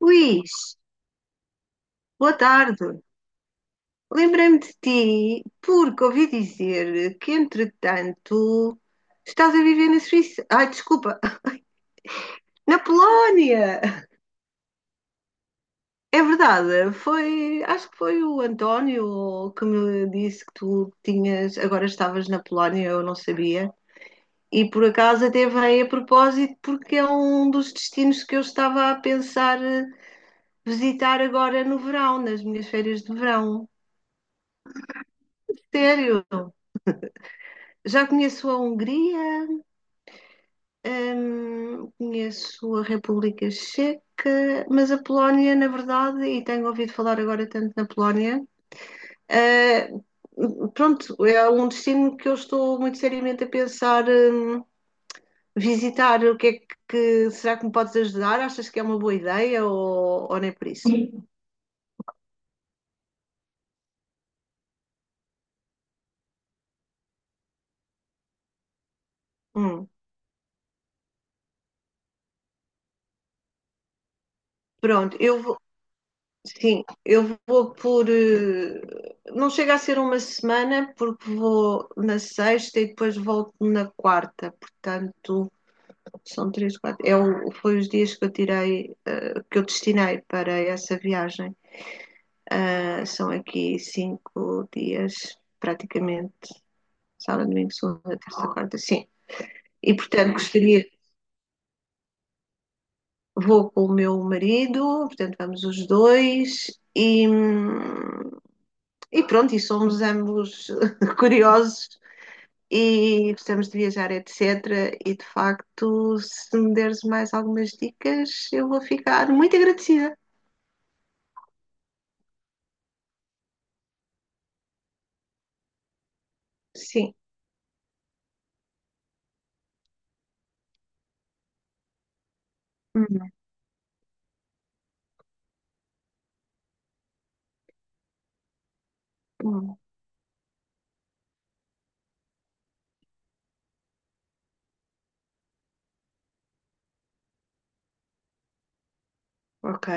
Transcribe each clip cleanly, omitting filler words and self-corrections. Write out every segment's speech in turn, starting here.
Luís, boa tarde. Lembrei-me de ti porque ouvi dizer que, entretanto, estás a viver na Suíça. Ai, desculpa, na Polónia! É verdade, foi, acho que foi o António que me disse que tu tinhas, agora estavas na Polónia, eu não sabia. E por acaso até veio a propósito porque é um dos destinos que eu estava a pensar visitar agora no verão, nas minhas férias de verão. Sério? Já conheço a Hungria, conheço a República Checa, mas a Polónia, na verdade, e tenho ouvido falar agora tanto na Polónia, eh, pronto, é um destino que eu estou muito seriamente a pensar, visitar. O que é que, Será que me podes ajudar? Achas que é uma boa ideia ou nem por isso? Hum, pronto, eu... Sim, eu vou por. Não chega a ser uma semana, porque vou na sexta e depois volto na quarta. Portanto, são três, quatro. Foi os dias que eu tirei, que eu destinei para essa viagem. Ah, são aqui 5 dias, praticamente. Sábado, domingo, segunda, terça, quarta. Sim. E, portanto, gostaria. Vou com o meu marido, portanto, vamos os dois. E... e pronto, e somos ambos curiosos e gostamos de viajar, etc. E de facto, se me deres mais algumas dicas, eu vou ficar muito agradecida. Sim. Uhum, uhum, ok.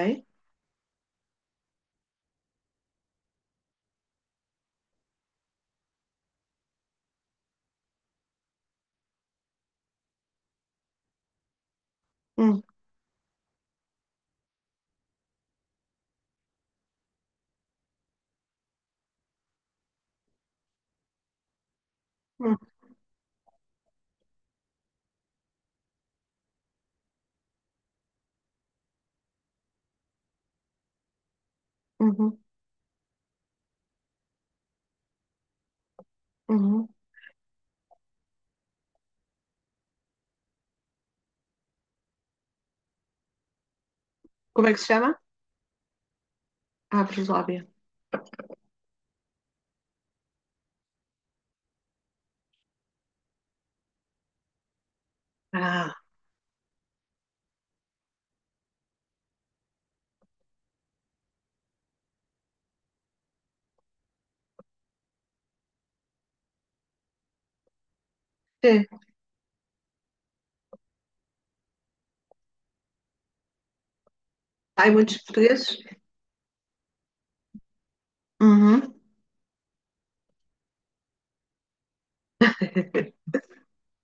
Uhum, uhum, uhum, uhum. Como é que se chama? Ah, Breslávia. Ah, sim. Há muitos portugueses. Uhum.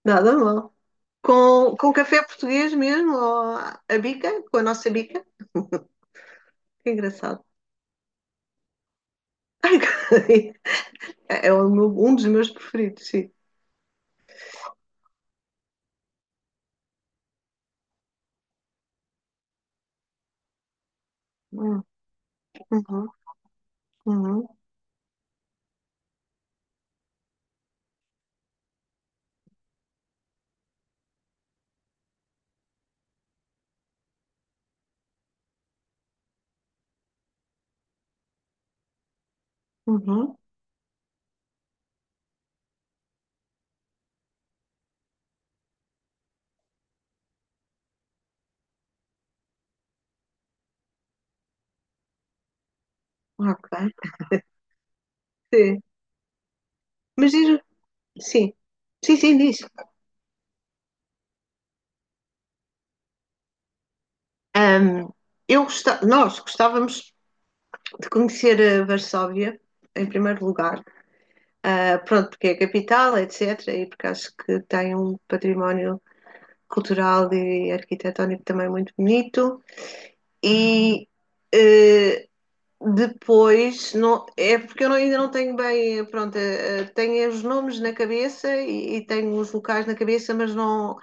Nada mal. Com café português mesmo, ou a bica, com a nossa bica. Que engraçado. É o meu... um dos meus preferidos, sim. Hum, uhum, uhum, uhum, ok. Sim. Mas diz, sim, sim, sim, diz. Hum, Eu gosta-, nós gostávamos de conhecer a Varsóvia, em primeiro lugar. Ah, pronto, porque é a capital, etc. E porque acho que tem um património cultural e arquitetónico também muito bonito. E eh, depois, não, é porque eu não-, ainda não tenho bem, pronto, tenho os nomes na cabeça e tenho os locais na cabeça, mas não.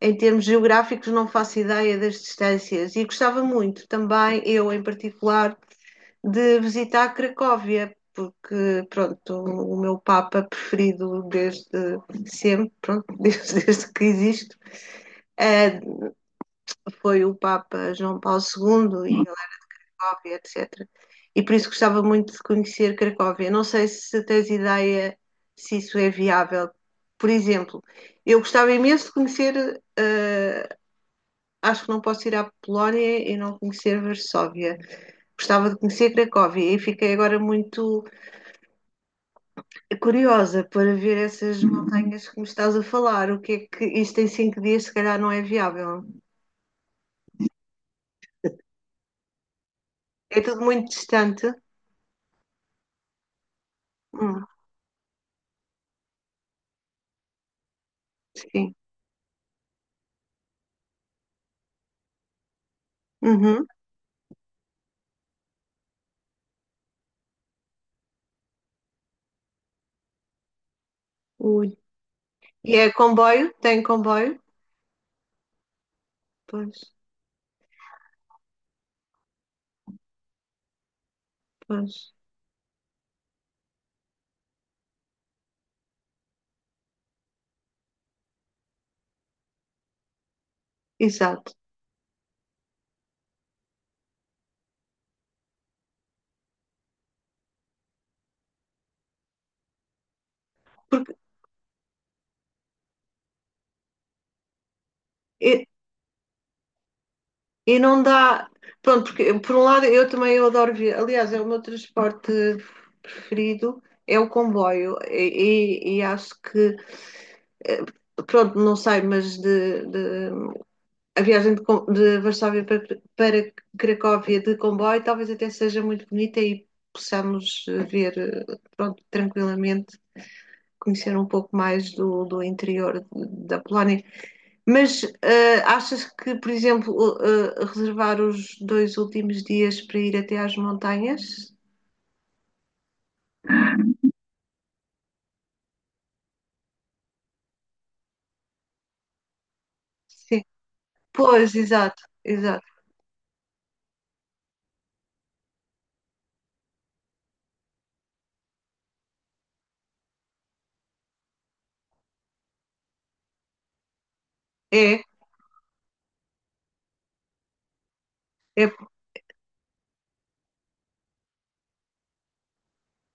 Em termos geográficos, não faço ideia das distâncias e gostava muito também, eu em particular, de visitar Cracóvia, porque, pronto, o meu Papa preferido desde sempre, pronto, desde que existo, eh, foi o Papa João Paulo II e Cracóvia, etc. E por isso gostava muito de conhecer Cracóvia. Não sei se tens ideia se isso é viável. Por exemplo, eu gostava imenso de conhecer acho que não posso ir à Polónia e não conhecer Varsóvia. Gostava de conhecer Cracóvia e fiquei agora muito curiosa para ver essas montanhas que me estás a falar. O que é que isto em 5 dias se calhar não é viável? É tudo muito distante. Hum, sim. Uhum. Ui. E é comboio? Tem comboio? Pois, pois. Exato. Porque eh, e não dá. Pronto, porque por um lado eu também eu adoro ver. Aliás, é o meu transporte preferido, é o comboio. E, e-, e acho que, eh, pronto, não sei, a viagem de, de Varsóvia para, para Cracóvia de comboio talvez até seja muito bonita e possamos ver, pronto, tranquilamente, conhecer um pouco mais do, do interior da Polónia. Mas achas que, por exemplo, reservar os dois últimos dias para ir até às montanhas? Sim. Pois, exato, exato. É, é,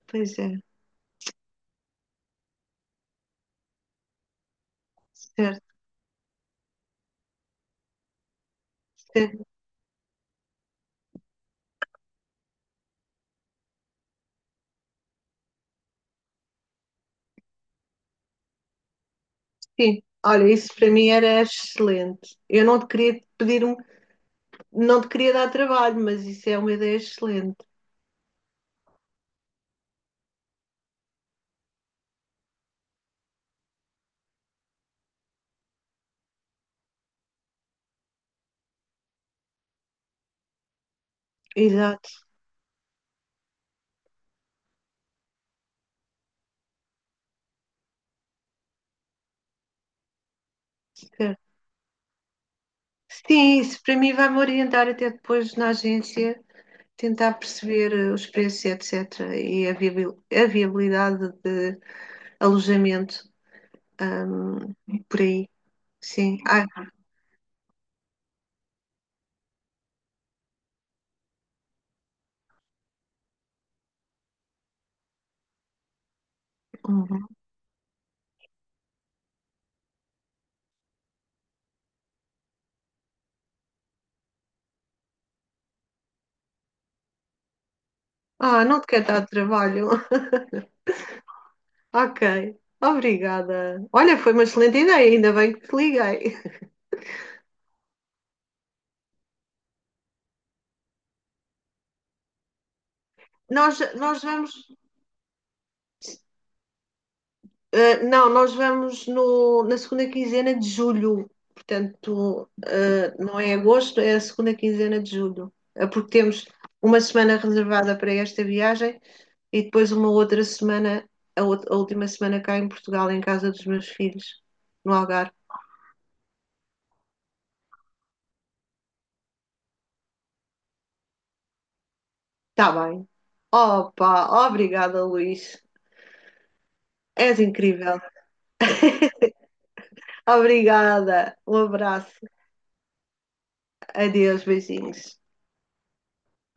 pois é, certo, certo, sim. Olha, isso para mim era excelente. Eu não te queria pedir um, não te queria dar trabalho, mas isso é uma ideia excelente. Exato, certo. Sim, isso para mim vai-me orientar até depois na agência, tentar perceber os preços, etc., e a viabil-, a viabilidade de alojamento, hum, por aí. Sim. Ah, uhum. Ah, não te quero dar trabalho. Ok. Obrigada. Olha, foi uma excelente ideia, ainda bem que te liguei. Nós vamos, não, nós vamos no, na segunda quinzena de julho, portanto, não é agosto, é a segunda quinzena de julho. Eh, porque temos uma semana reservada para esta viagem e depois uma outra semana, a última semana cá em Portugal, em casa dos meus filhos, no Algarve. Está bem. Opa, obrigada, Luís. És incrível. Obrigada. Um abraço. Adeus, beijinhos.